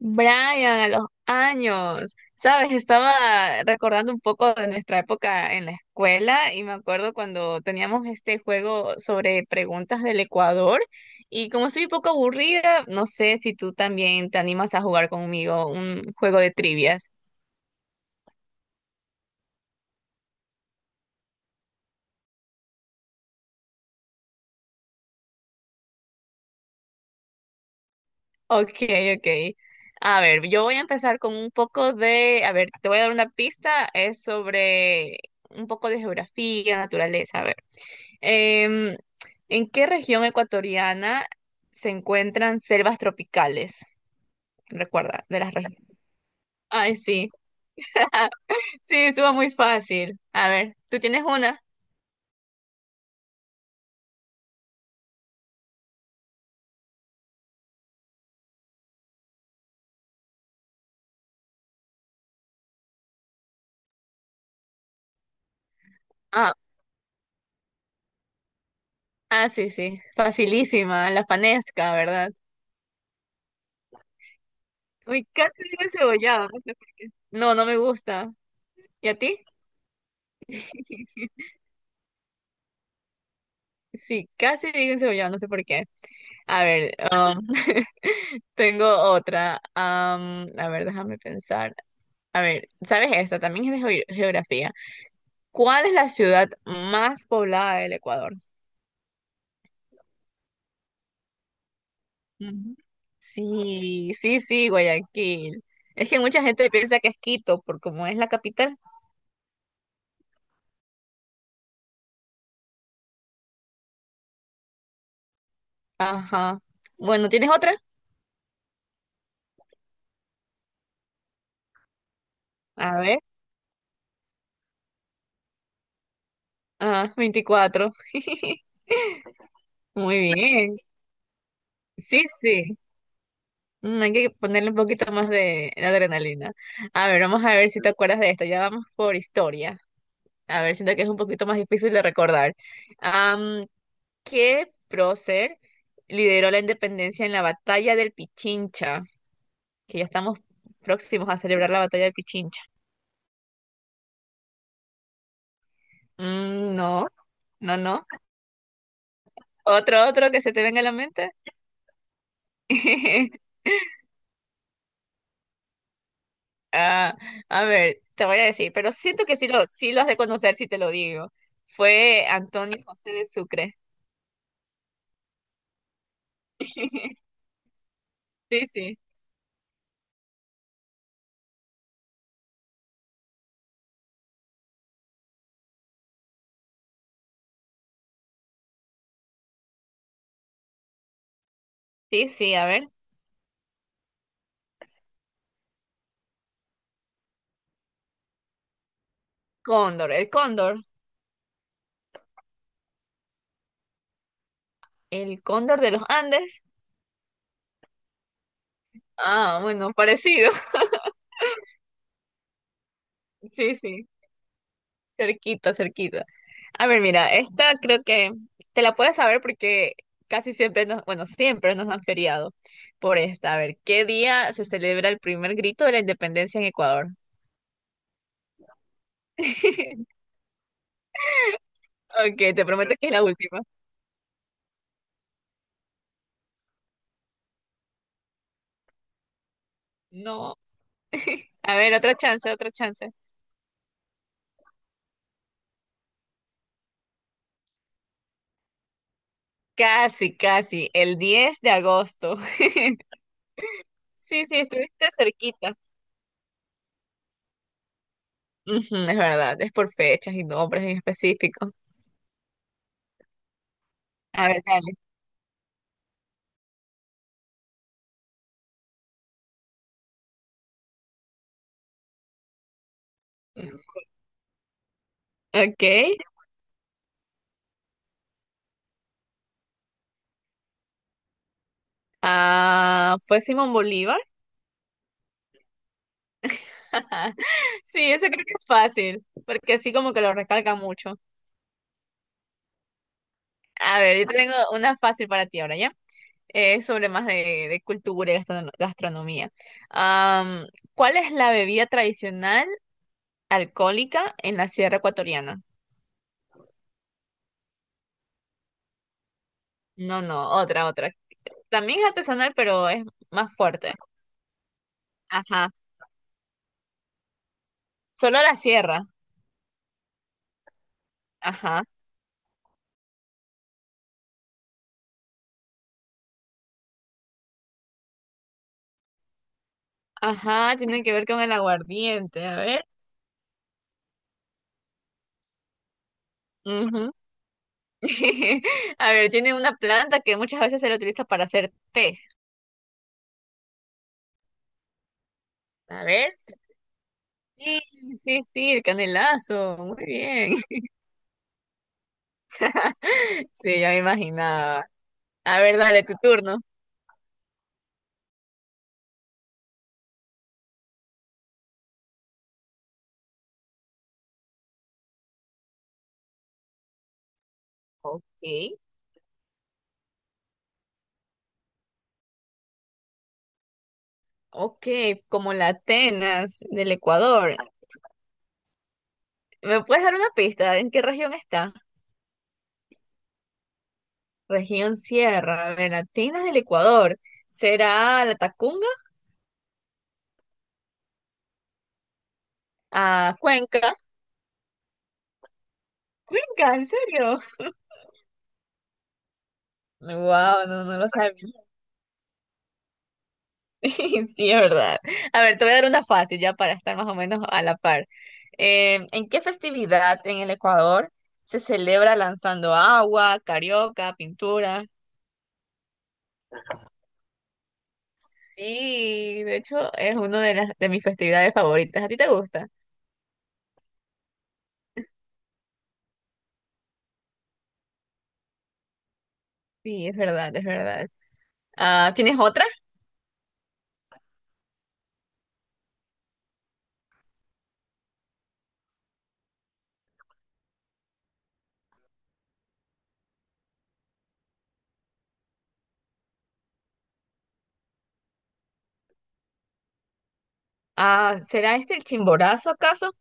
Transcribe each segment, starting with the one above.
Brian, a los años, ¿sabes? Estaba recordando un poco de nuestra época en la escuela y me acuerdo cuando teníamos este juego sobre preguntas del Ecuador y como soy un poco aburrida, no sé si tú también te animas a jugar conmigo un juego de trivias. Ok, ok. A ver, yo voy a empezar con un poco de, a ver, te voy a dar una pista, es sobre un poco de geografía, naturaleza, a ver. Em, ¿En qué región ecuatoriana se encuentran selvas tropicales? Recuerda, de las regiones. Ay, sí, sí, estuvo muy fácil. A ver, ¿tú tienes una? Ah, ah, sí, sí, facilísima, la fanesca, ¿verdad? Uy, casi digo encebollado, no sé por qué. No, no me gusta. ¿Y a ti? Sí, casi digo encebollado, no sé por qué. A ver, tengo otra. A ver, déjame pensar. A ver, ¿sabes esta? También es de geografía. ¿Cuál es la ciudad más poblada del Ecuador? Ujú. Sí, sí, sí, Guayaquil. Es que mucha gente piensa que es Quito por como es la capital. Ajá. Bueno, ¿tienes otra? A ver. Ah, 24. Muy bien. Sí, sí. Mm, hay que ponerle un poquito más de adrenalina. A ver, vamos a ver si te acuerdas de esto. Ya vamos por historia. A ver, siento que es un poquito más difícil de recordar. Am, que prócer lideró la independencia en la batalla del Pichincha, que ya estamos próximos a celebrar la batalla del Pichincha. Mm, no, no, no. Otro, otro que se te venga a la mente. Ah, a ver, te voy a decir, pero siento que sí lo has de conocer si te lo digo. Fue Antonio José de Sucre. Sí, sí. Sí, sí, a ver. Cóndor, el cóndor de los Andes. Ah, bueno, parecido. Sí, sí. Cerquita, cerquita. A ver, mira, esta creo que te la puedes saber porque casi siempre siempre nos han feriado por esta. A ver, ¿qué día se celebra el primer grito de la independencia en Ecuador? Ok, te prometo que es la última. No. A ver, otra chance, otra chance. Casi, casi, el 10 de agosto. Sí, sí, estuviste cerquita. Ujú, es verdad, es por fechas y nombres en específico. A ver, dale. Ok. Ah, ¿fue Simón Bolívar? Ajá. Sí, eso creo que es fácil, porque así como que lo recalca mucho. A ver, yo tengo una fácil para ti ahora, ¿ya? Sobre más de cultura y gastronomía. Am, ¿Cuál es la bebida tradicional alcohólica en la Sierra Ecuatoriana? No, no, otra, otra. También es artesanal, pero es más fuerte. Ajá. Solo la sierra. Ajá. Ajá, tiene que ver con el aguardiente. A ver. Ujú. A ver, tiene una planta que muchas veces se la utiliza para hacer té. A ver, sí, sí, sí, el canelazo, muy bien. Sí, ya me imaginaba. A ver, dale tu turno. Ok, ok, como la Atenas del Ecuador. ¿Me puedes dar una pista? ¿En qué región está? Región Sierra. A ver, Atenas del Ecuador. ¿Será la Tacunga? Ah, Cuenca. Cuenca, ¿en serio? Wow, no, no lo sabía. Sí, es verdad. A ver, te voy a dar una fácil ya para estar más o menos a la par. ¿En qué festividad en el Ecuador se celebra lanzando agua, carioca, pintura? Sí, de hecho es una de las de mis festividades favoritas. ¿A ti te gusta? Sí, es verdad, es verdad. Ah, ¿tienes otra? Ah, ¿será este el Chimborazo acaso?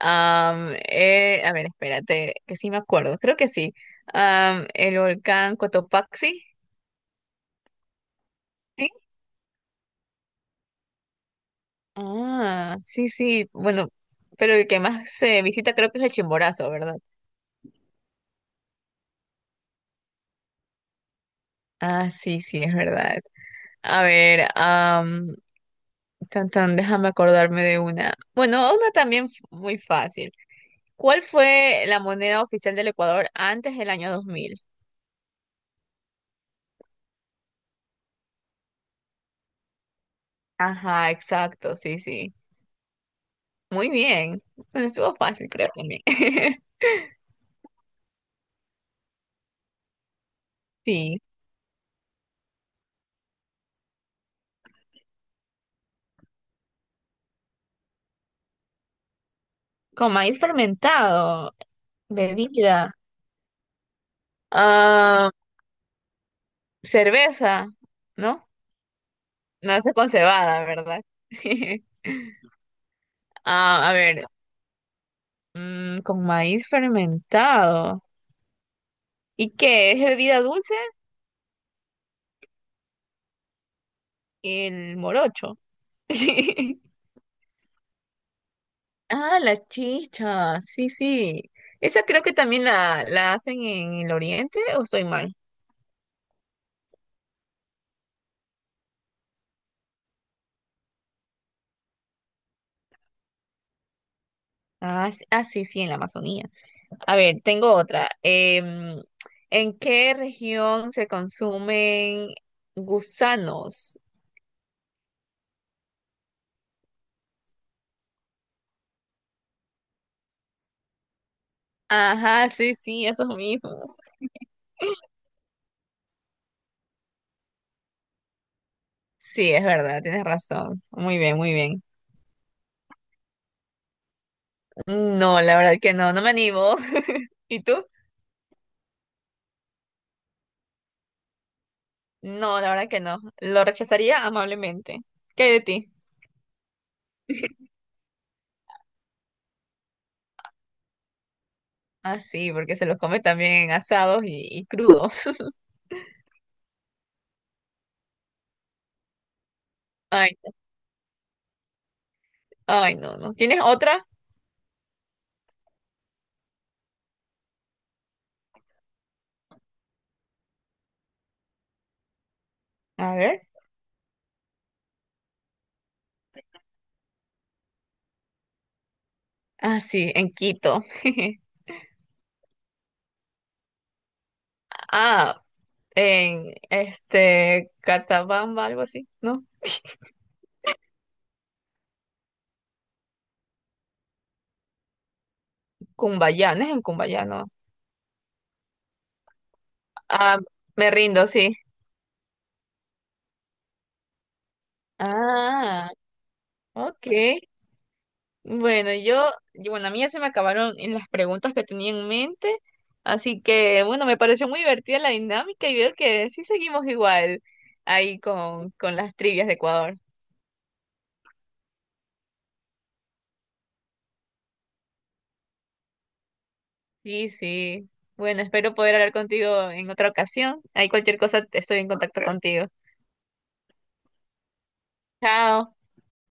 A ver, espérate, que sí me acuerdo. Creo que sí. El volcán Cotopaxi. Ah, sí, sí. Bueno, pero el que más se visita creo que es el Chimborazo, ¿verdad? Ah, sí, sí, es verdad. A ver, tan, tan, déjame acordarme de una. Bueno, una también muy fácil. ¿Cuál fue la moneda oficial del Ecuador antes del año 2000? Ajá, exacto, sí, sí. Muy bien. Bueno, estuvo fácil, creo también. Sí. Con maíz fermentado, bebida, ah, cerveza, ¿no? Nace con cebada, ¿verdad? Ah, a ver, con maíz fermentado. ¿Y qué? ¿Es bebida dulce? El morocho. Ah, la chicha, sí, sí. Esa creo que también la hacen en el oriente, ¿o estoy mal? Ah, sí, sí, en la Amazonía. A ver, tengo otra. ¿En qué región se consumen gusanos? Ajá, sí, sí, esos mismos. Sí, es verdad, tienes razón. Muy bien, muy bien. No, la verdad que no, no me animo. ¿Y tú? No, la verdad que no. Lo rechazaría amablemente. ¿Qué hay de ti? Ah, sí, porque se los come también en asados y crudos. Ay, no, ay, no, no. ¿Tienes otra? A ver. Ah, sí, en Quito. Ah, en este Catabamba, algo así, ¿no? Cumbayá, no es en Cumbayá, no. Ah, me rindo, sí. Ah, ok. Bueno, bueno, a mí ya se me acabaron en las preguntas que tenía en mente, así que bueno, me pareció muy divertida la dinámica y veo que sí seguimos igual ahí con las trivias de Ecuador. Sí, sí. Bueno, espero poder hablar contigo en otra ocasión. Ahí cualquier cosa estoy en contacto contigo. Chao.